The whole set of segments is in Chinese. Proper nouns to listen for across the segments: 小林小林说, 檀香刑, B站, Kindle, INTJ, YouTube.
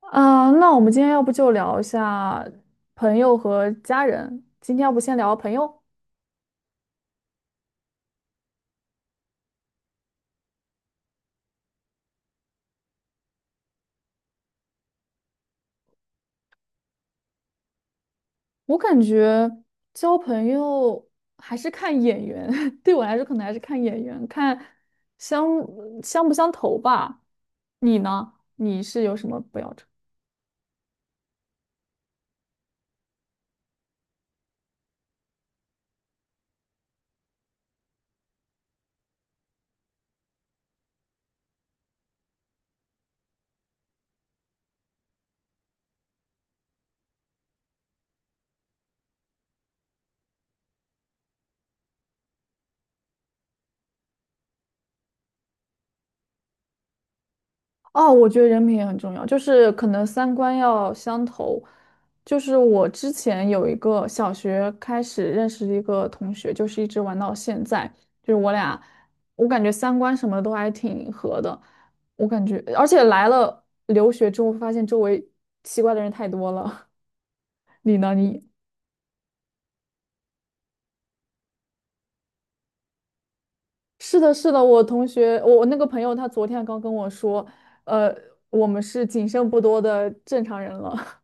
啊，那我们今天要不就聊一下朋友和家人。今天要不先聊朋友？我感觉交朋友还是看眼缘，对我来说可能还是看眼缘，看相相不相投吧。你呢？你是有什么不要？哦，我觉得人品也很重要，就是可能三观要相投。就是我之前有一个小学开始认识的一个同学，就是一直玩到现在，就是我俩，我感觉三观什么的都还挺合的。我感觉，而且来了留学之后，发现周围奇怪的人太多了。你呢？是的，是的，我同学，我那个朋友，他昨天刚跟我说，呃，我们是仅剩不多的正常人了。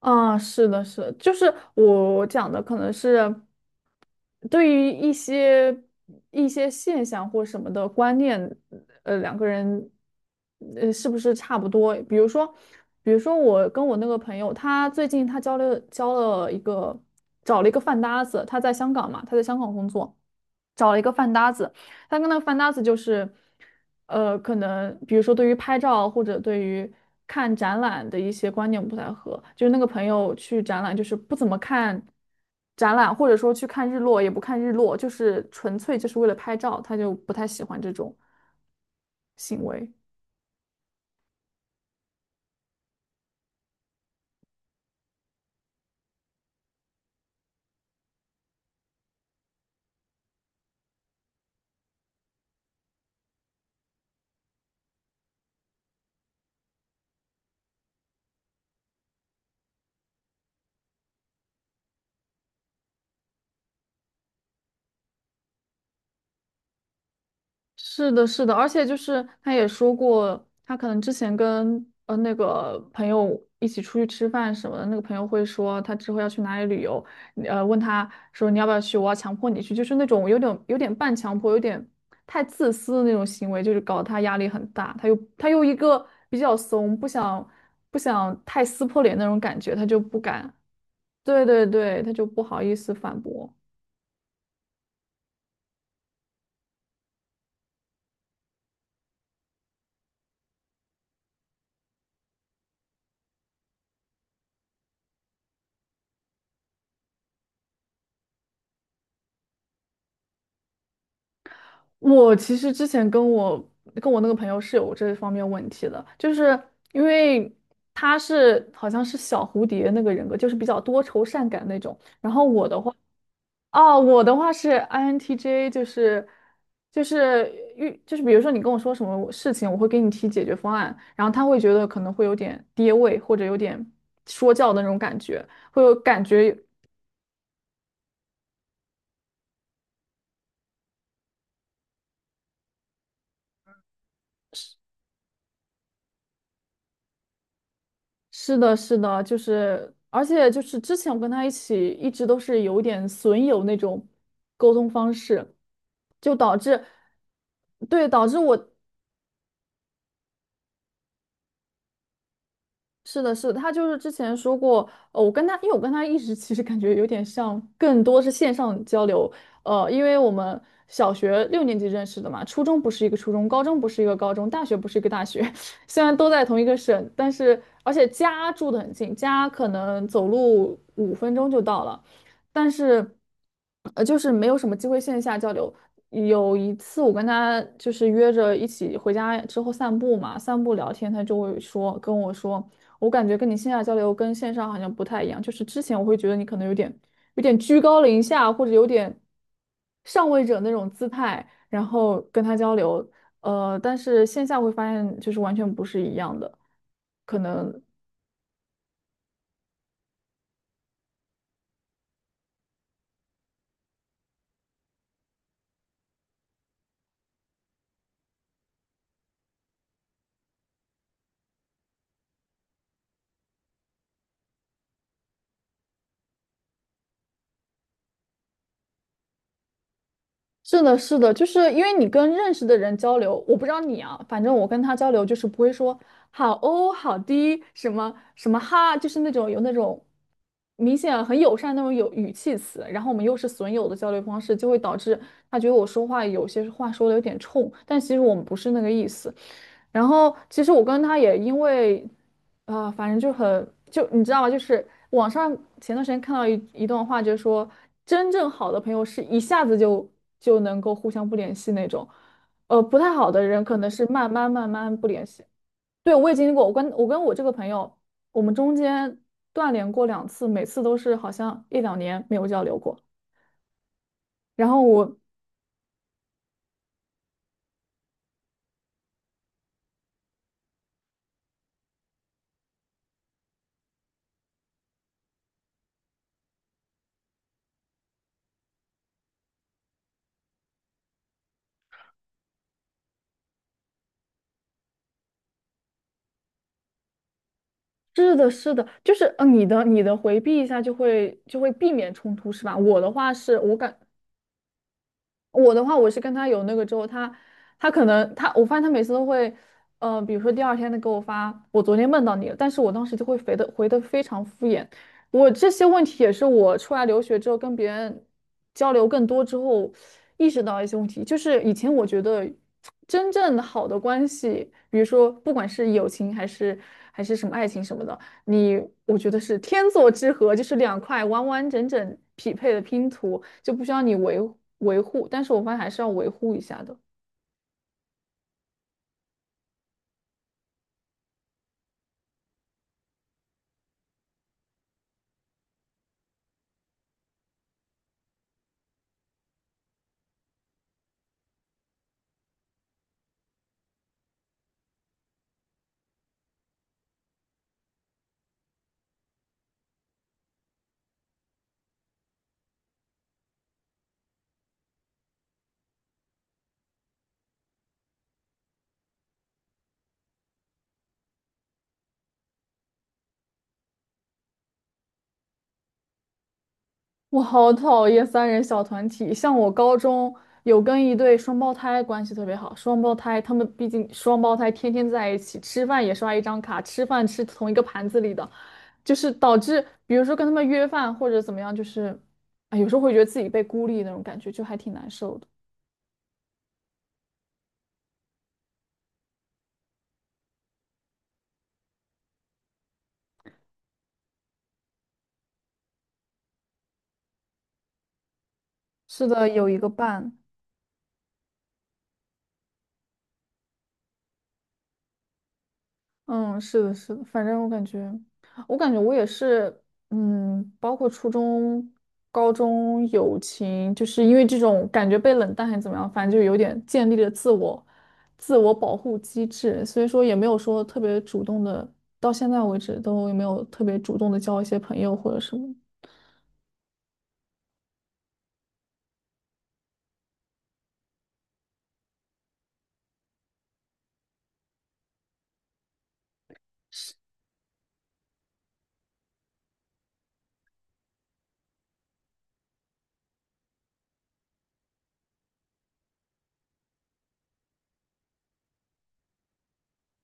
啊，是的，是的，就是我讲的可能是对于一些现象或什么的观念，两个人是不是差不多？比如说我跟我那个朋友，他最近他交了交了一个找了一个饭搭子，他在香港嘛，他在香港工作。找了一个饭搭子，他跟那个饭搭子就是，可能比如说对于拍照或者对于看展览的一些观念不太合，就是那个朋友去展览就是不怎么看展览，或者说去看日落也不看日落，就是纯粹就是为了拍照，他就不太喜欢这种行为。是的，是的，而且就是他也说过，他可能之前跟那个朋友一起出去吃饭什么的，那个朋友会说他之后要去哪里旅游，问他说你要不要去，我要强迫你去，就是那种有点半强迫，有点太自私的那种行为，就是搞得他压力很大，他又一个比较怂，不想太撕破脸那种感觉，他就不敢。对对对，他就不好意思反驳。我其实之前跟我那个朋友是有这方面问题的，就是因为好像是小蝴蝶那个人格，就是比较多愁善感那种。然后我的话，哦，我的话是 INTJ,就是就是比如说你跟我说什么事情，我会给你提解决方案，然后他会觉得可能会有点跌位或者有点说教的那种感觉，会有感觉。是的，是的，就是，而且就是之前我跟他一起一直都是有点损友那种沟通方式，就导致，对，导致我。是的，是的，他就是之前说过，我跟他，因为我跟他一直 其实感觉有点像，更多是线上交流，因为我们小学六年级认识的嘛，初中不是一个初中，高中不是一个高中，大学不是一个大学，虽然都在同一个省，而且家住的很近，家可能走路五分钟就到了，但是，就是没有什么机会线下交流。有一次我跟他就是约着一起回家之后散步嘛，散步聊天，他就会说跟我说。我感觉跟你线下交流跟线上好像不太一样，就是之前我会觉得你可能有点居高临下，或者有点上位者那种姿态，然后跟他交流，但是线下会发现就是完全不是一样的，可能。是的，是的，就是因为你跟认识的人交流，我不知道你啊，反正我跟他交流就是不会说好哦、好滴、什么什么哈，就是那种有那种明显很友善那种有语气词，然后我们又是损友的交流方式，就会导致他觉得我说话有些话说的有点冲，但其实我们不是那个意思。然后其实我跟他也因为，啊，反正就很就你知道吗？就是网上前段时间看到一段话，就是说真正好的朋友是一下子就能够互相不联系那种，不太好的人可能是慢慢慢慢不联系。对，我也经历过，我跟这个朋友，我们中间断联过两次，每次都是好像一两年没有交流过。然后我。是的，是的，就是你的回避一下就会避免冲突是吧？我的话，我是跟他有那个之后，他他可能他，我发现他每次都会，比如说第二天他给我发，我昨天梦到你了，但是我当时就会回的非常敷衍。我这些问题也是我出来留学之后跟别人交流更多之后意识到一些问题，就是以前我觉得真正好的关系，比如说不管是友情还是什么爱情什么的。你我觉得是天作之合，就是两块完完整整匹配的拼图，就不需要你维护。但是我发现还是要维护一下的。我好讨厌三人小团体，像我高中有跟一对双胞胎关系特别好，双胞胎他们毕竟双胞胎天天在一起，吃饭也刷一张卡，吃饭吃同一个盘子里的，就是导致比如说跟他们约饭或者怎么样，就是啊有时候会觉得自己被孤立那种感觉，就还挺难受的。是的，有一个伴。嗯，是的，是的，反正我感觉，我也是，嗯，包括初中、高中友情，就是因为这种感觉被冷淡还是怎么样，反正就有点建立了自我保护机制，所以说也没有说特别主动的，到现在为止都也没有特别主动的交一些朋友或者什么的。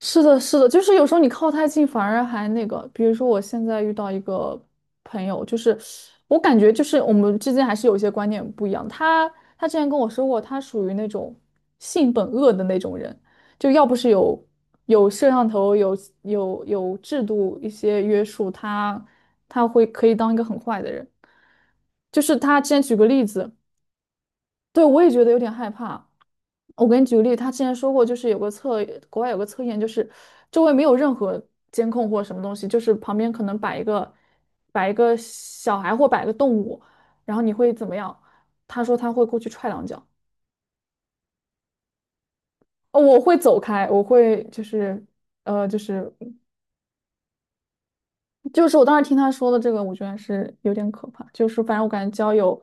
是的，是的，就是有时候你靠太近反而还那个，比如说我现在遇到一个朋友，就是我感觉就是我们之间还是有一些观念不一样。他之前跟我说过，他属于那种性本恶的那种人，就要不是有摄像头、有制度一些约束，他会可以当一个很坏的人。就是他之前举个例子。对，我也觉得有点害怕。我给你举个例，他之前说过，就是有个测，国外有个测验，就是周围没有任何监控或什么东西，就是旁边可能摆一个小孩或摆个动物，然后你会怎么样？他说他会过去踹两脚。哦，我会走开，我会就是呃就是就是我当时听他说的这个，我觉得还是有点可怕，就是反正我感觉交友，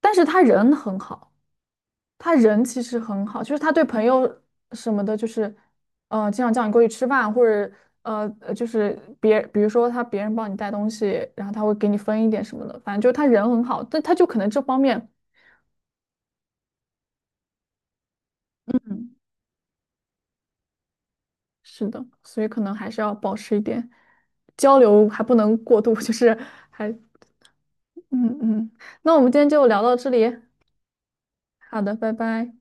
但是他人很好。他人其实很好，就是他对朋友什么的，就是，经常叫你过去吃饭，或者呃，呃就是别，比如说他别人帮你带东西，然后他会给你分一点什么的，反正就是他人很好，但他就可能这方面。是的，所以可能还是要保持一点交流，还不能过度，就是还，嗯嗯，那我们今天就聊到这里。好的，拜拜。